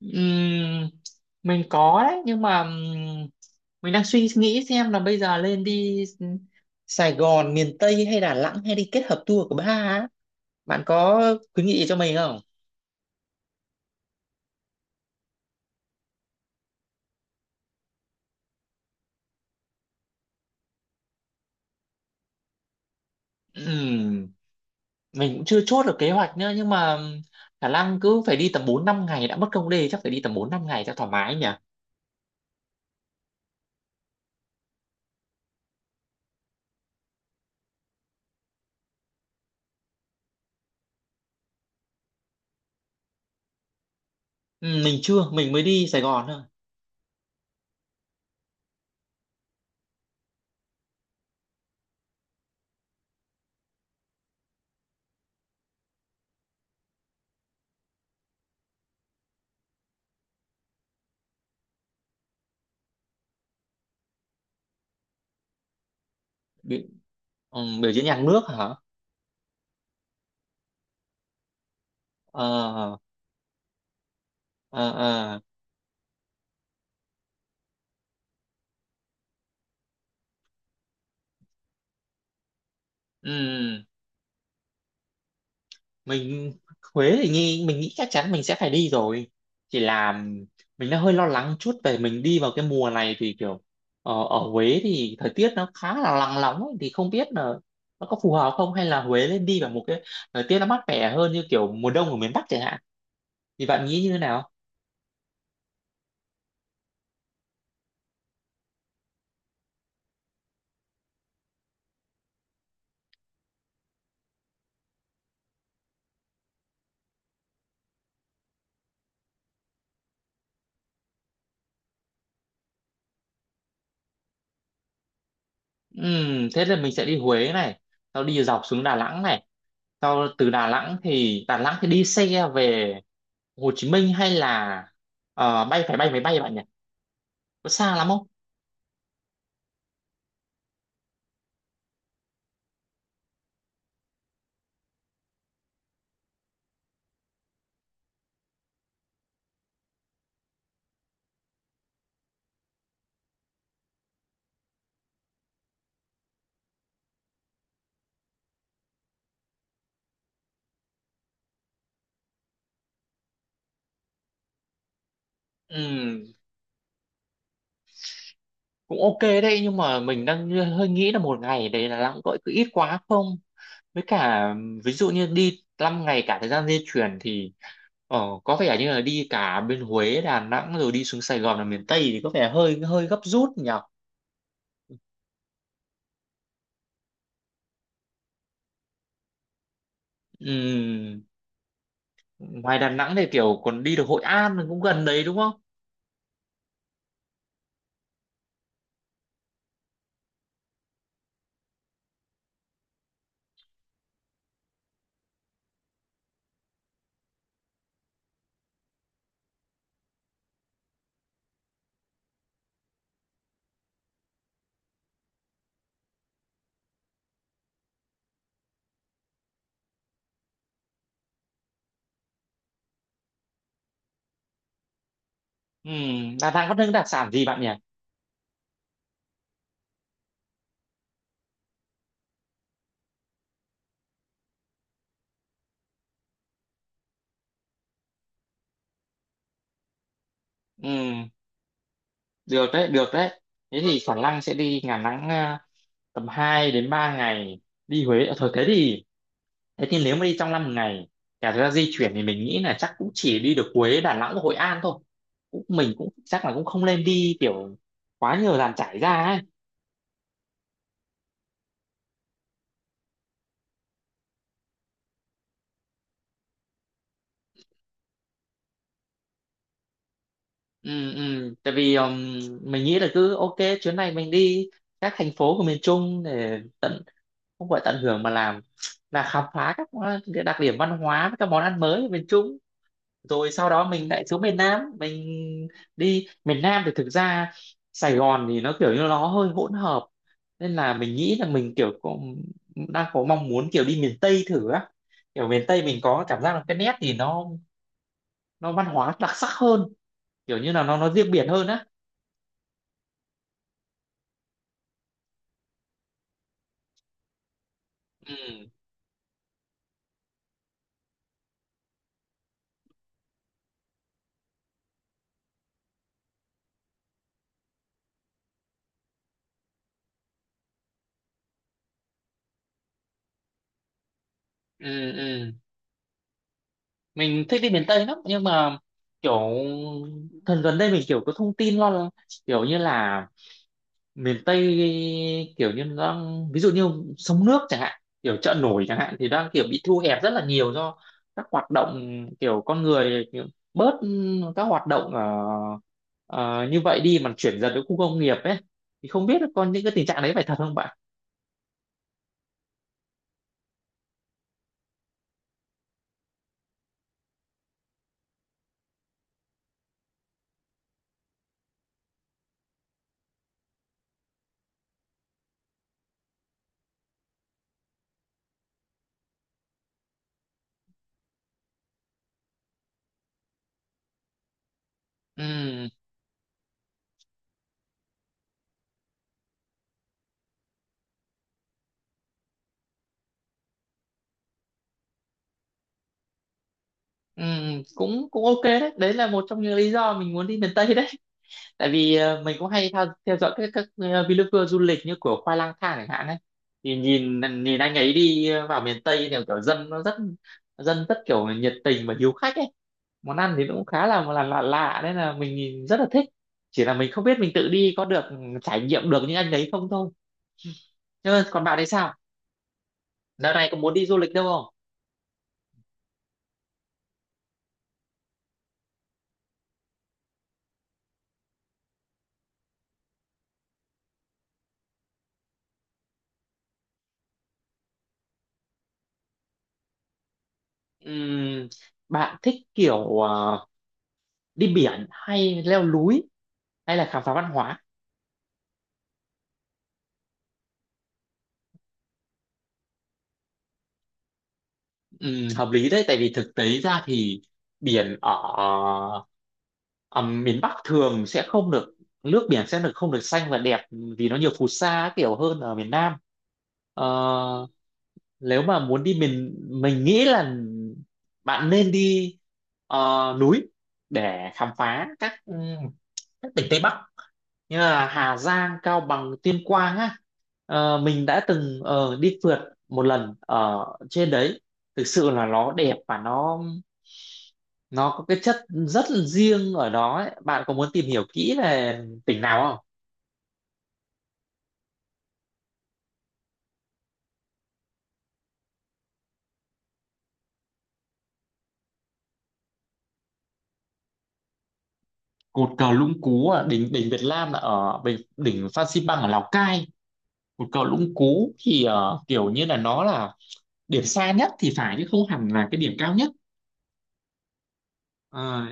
Ừm, mình có đấy nhưng mà mình đang suy nghĩ xem là bây giờ lên đi Sài Gòn miền Tây hay Đà Nẵng hay đi kết hợp tour của ba á. Bạn có khuyến nghị gì cho mình không? Ừm, mình cũng chưa chốt được kế hoạch nữa nhưng mà khả năng cứ phải đi tầm 4-5 ngày đã mất công đê, chắc phải đi tầm 4-5 ngày cho thoải mái nhỉ. Mình chưa, mình mới đi Sài Gòn thôi. Bị, biểu diễn nhạc nước hả? Ờ ờ ờ. mình Huế thì mình nghĩ chắc chắn mình sẽ phải đi rồi, chỉ là mình đang hơi lo lắng chút về mình đi vào cái mùa này thì kiểu ở Huế thì thời tiết nó khá là nắng nóng ấy, thì không biết là nó có phù hợp không, hay là Huế nên đi vào một cái thời tiết nó mát mẻ hơn như kiểu mùa đông ở miền Bắc chẳng hạn, thì bạn nghĩ như thế nào? Thế là mình sẽ đi Huế này, sau đi dọc xuống Đà Nẵng này, sau từ Đà Nẵng thì đi xe về Hồ Chí Minh hay là bay, phải bay máy bay bạn nhỉ, có xa lắm không? Ừ, cũng ok đấy, nhưng mà mình đang hơi nghĩ là một ngày đấy là lãng, gọi cứ ít quá không, với cả ví dụ như đi 5 ngày cả thời gian di chuyển thì có vẻ như là đi cả bên Huế Đà Nẵng rồi đi xuống Sài Gòn là miền Tây thì có vẻ hơi hơi gấp rút nhỉ. Ừm, ngoài Đà Nẵng thì kiểu còn đi được Hội An cũng gần đấy đúng không? Đà Nẵng có những đặc sản gì bạn nhỉ? Ừ. Được đấy, được đấy, thế thì khả năng sẽ đi Đà Nẵng à, tầm 2 đến 3 ngày, đi Huế. Ờ, thôi thế thì nếu mà đi trong năm một ngày cả thời gian di chuyển thì mình nghĩ là chắc cũng chỉ đi được Huế Đà Nẵng và Hội An thôi, mình cũng chắc là cũng không nên đi kiểu quá nhiều dàn trải ra ấy. Ừ, ừ. Tại vì mình nghĩ là cứ ok, chuyến này mình đi các thành phố của miền Trung để tận, không gọi tận hưởng mà làm, là khám phá cái đặc điểm văn hóa với các món ăn mới ở miền Trung, rồi sau đó mình lại xuống miền Nam mình. Đi miền Nam thì thực ra Sài Gòn thì nó kiểu như nó hơi hỗn hợp, nên là mình nghĩ là mình kiểu đang có mong muốn kiểu đi miền Tây thử á. Kiểu miền Tây mình có cảm giác là cái nét thì nó văn hóa đặc sắc hơn, kiểu như là nó riêng biệt hơn á. Ừ, ừ, ừ. Mình thích đi miền Tây lắm nhưng mà kiểu gần đây mình kiểu có thông tin lo, kiểu như là miền Tây kiểu như nó đang, ví dụ như sông nước chẳng hạn, kiểu chợ nổi chẳng hạn, thì đang kiểu bị thu hẹp rất là nhiều, do các hoạt động kiểu con người kiểu bớt các hoạt động ở, ờ, như vậy đi mà chuyển dần đến khu công nghiệp ấy, thì không biết là còn những cái tình trạng đấy phải thật không bạn? Ừ, ừ, cũng cũng ok đấy, đấy là một trong những lý do mình muốn đi miền Tây đấy, tại vì mình cũng hay theo dõi các vlogger du lịch như của Khoai Lang Thang chẳng hạn ấy. Thì nhìn nhìn anh ấy đi vào miền Tây thì kiểu dân rất kiểu nhiệt tình và hiếu khách ấy, món ăn thì nó cũng khá là lạ lạ nên là mình nhìn rất là thích, chỉ là mình không biết mình tự đi có được trải nghiệm được những anh đấy không thôi. Thế còn bạn thì sao? Đợt này có muốn đi du lịch đâu không? Ừm, bạn thích kiểu đi biển hay leo núi hay là khám phá văn hóa? Ừ, hợp lý đấy, tại vì thực tế ra thì biển ở, Ờ, miền Bắc thường sẽ không được, nước biển sẽ được không được xanh và đẹp, vì nó nhiều phù sa kiểu hơn ở miền Nam. Ờ, nếu mà muốn đi mình nghĩ là bạn nên đi ờ, núi để khám phá các tỉnh Tây Bắc như là Hà Giang, Cao Bằng, Tuyên Quang á. Ờ, mình đã từng đi phượt một lần ở trên đấy, thực sự là nó đẹp và nó có cái chất rất là riêng ở đó ấy. Bạn có muốn tìm hiểu kỹ về tỉnh nào không? Cột cờ Lũng Cú ở đỉnh đỉnh Việt Nam là ở đỉnh Phan Xipang ở Lào Cai. Cột cờ Lũng Cú thì kiểu như là nó là điểm xa nhất thì phải, chứ không hẳn là cái điểm cao nhất. Ờ,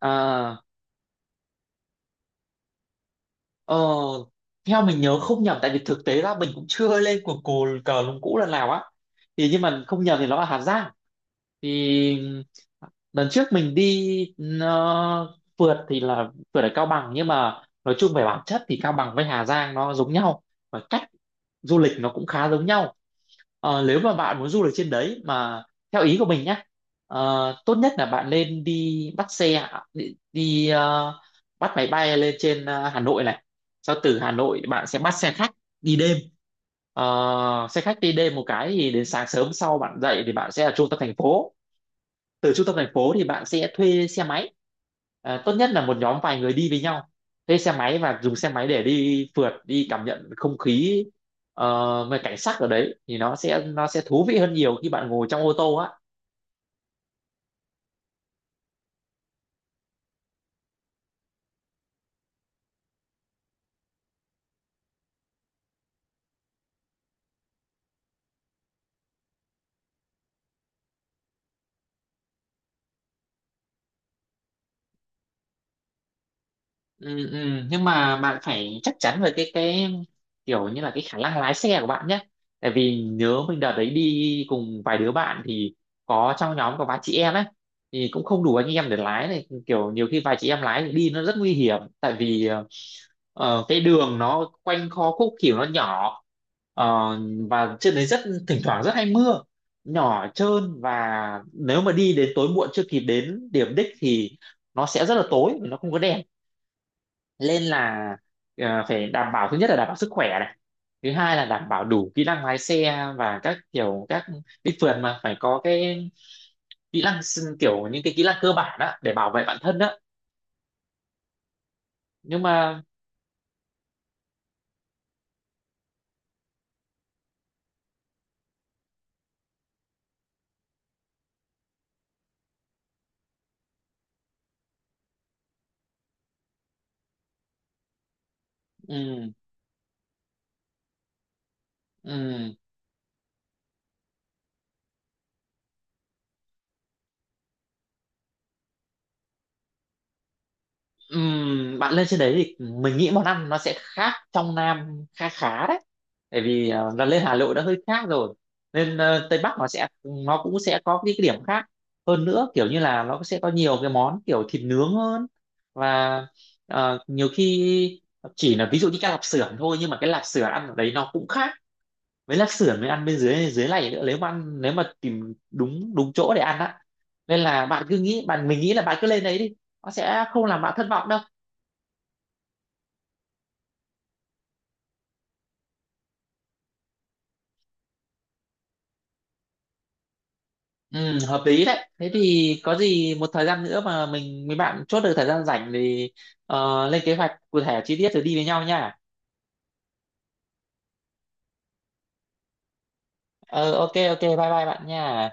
à, ờ, theo mình nhớ không nhầm, tại vì thực tế ra mình cũng chưa lên cột cờ Lũng Cú lần nào á. Thì nhưng mà không nhầm thì nó là Hà Giang. Thì lần trước mình đi nó phượt thì là phượt ở Cao Bằng, nhưng mà nói chung về bản chất thì Cao Bằng với Hà Giang nó giống nhau, và cách du lịch nó cũng khá giống nhau. Ờ, nếu mà bạn muốn du lịch trên đấy mà theo ý của mình nhá, tốt nhất là bạn nên đi bắt xe, đi, bắt máy bay lên trên Hà Nội này, sau từ Hà Nội bạn sẽ bắt xe khách đi đêm. Ờ, xe khách đi đêm một cái thì đến sáng sớm sau bạn dậy thì bạn sẽ ở trung tâm thành phố, từ trung tâm thành phố thì bạn sẽ thuê xe máy, à, tốt nhất là một nhóm vài người đi với nhau, thuê xe máy và dùng xe máy để đi phượt, đi cảm nhận không khí, về cảnh sắc ở đấy thì nó sẽ thú vị hơn nhiều khi bạn ngồi trong ô tô á. Ừ, ừ. Nhưng mà bạn phải chắc chắn về cái kiểu như là cái khả năng lái xe của bạn nhé, tại vì nhớ mình đợt đấy đi cùng vài đứa bạn thì có, trong nhóm có vài chị em ấy thì cũng không đủ anh em để lái này, kiểu nhiều khi vài chị em lái thì đi nó rất nguy hiểm, tại vì cái đường nó quanh co khúc, kiểu nó nhỏ, Ờ, và trên đấy thỉnh thoảng rất hay mưa nhỏ, trơn, và nếu mà đi đến tối muộn chưa kịp đến điểm đích thì nó sẽ rất là tối, nó không có đèn, nên là phải đảm bảo, thứ nhất là đảm bảo sức khỏe này, thứ hai là đảm bảo đủ kỹ năng lái xe, và các kiểu các đi phượt mà phải có cái kiểu những cái kỹ năng cơ bản đó để bảo vệ bản thân đó, nhưng mà ừ, ừ. Bạn lên trên đấy thì mình nghĩ món ăn nó sẽ khác trong Nam khá khá đấy, bởi vì là lên Hà Nội đã hơi khác rồi, nên Tây Bắc nó cũng sẽ có cái điểm khác hơn nữa, kiểu như là nó sẽ có nhiều cái món kiểu thịt nướng hơn, và nhiều khi chỉ là ví dụ như cái lạp xưởng thôi, nhưng mà cái lạp xưởng ăn ở đấy nó cũng khác với lạp xưởng mới ăn bên dưới dưới này nữa, nếu mà tìm đúng đúng chỗ để ăn á, nên là bạn cứ nghĩ bạn mình nghĩ là bạn cứ lên đấy đi, nó sẽ không làm bạn thất vọng đâu. Ừ, hợp lý đấy. Thế thì có gì một thời gian nữa mà mình, mấy bạn chốt được thời gian rảnh thì lên kế hoạch cụ thể chi tiết rồi đi với nhau nha. Ờ, ok ok, bye bye bạn nha.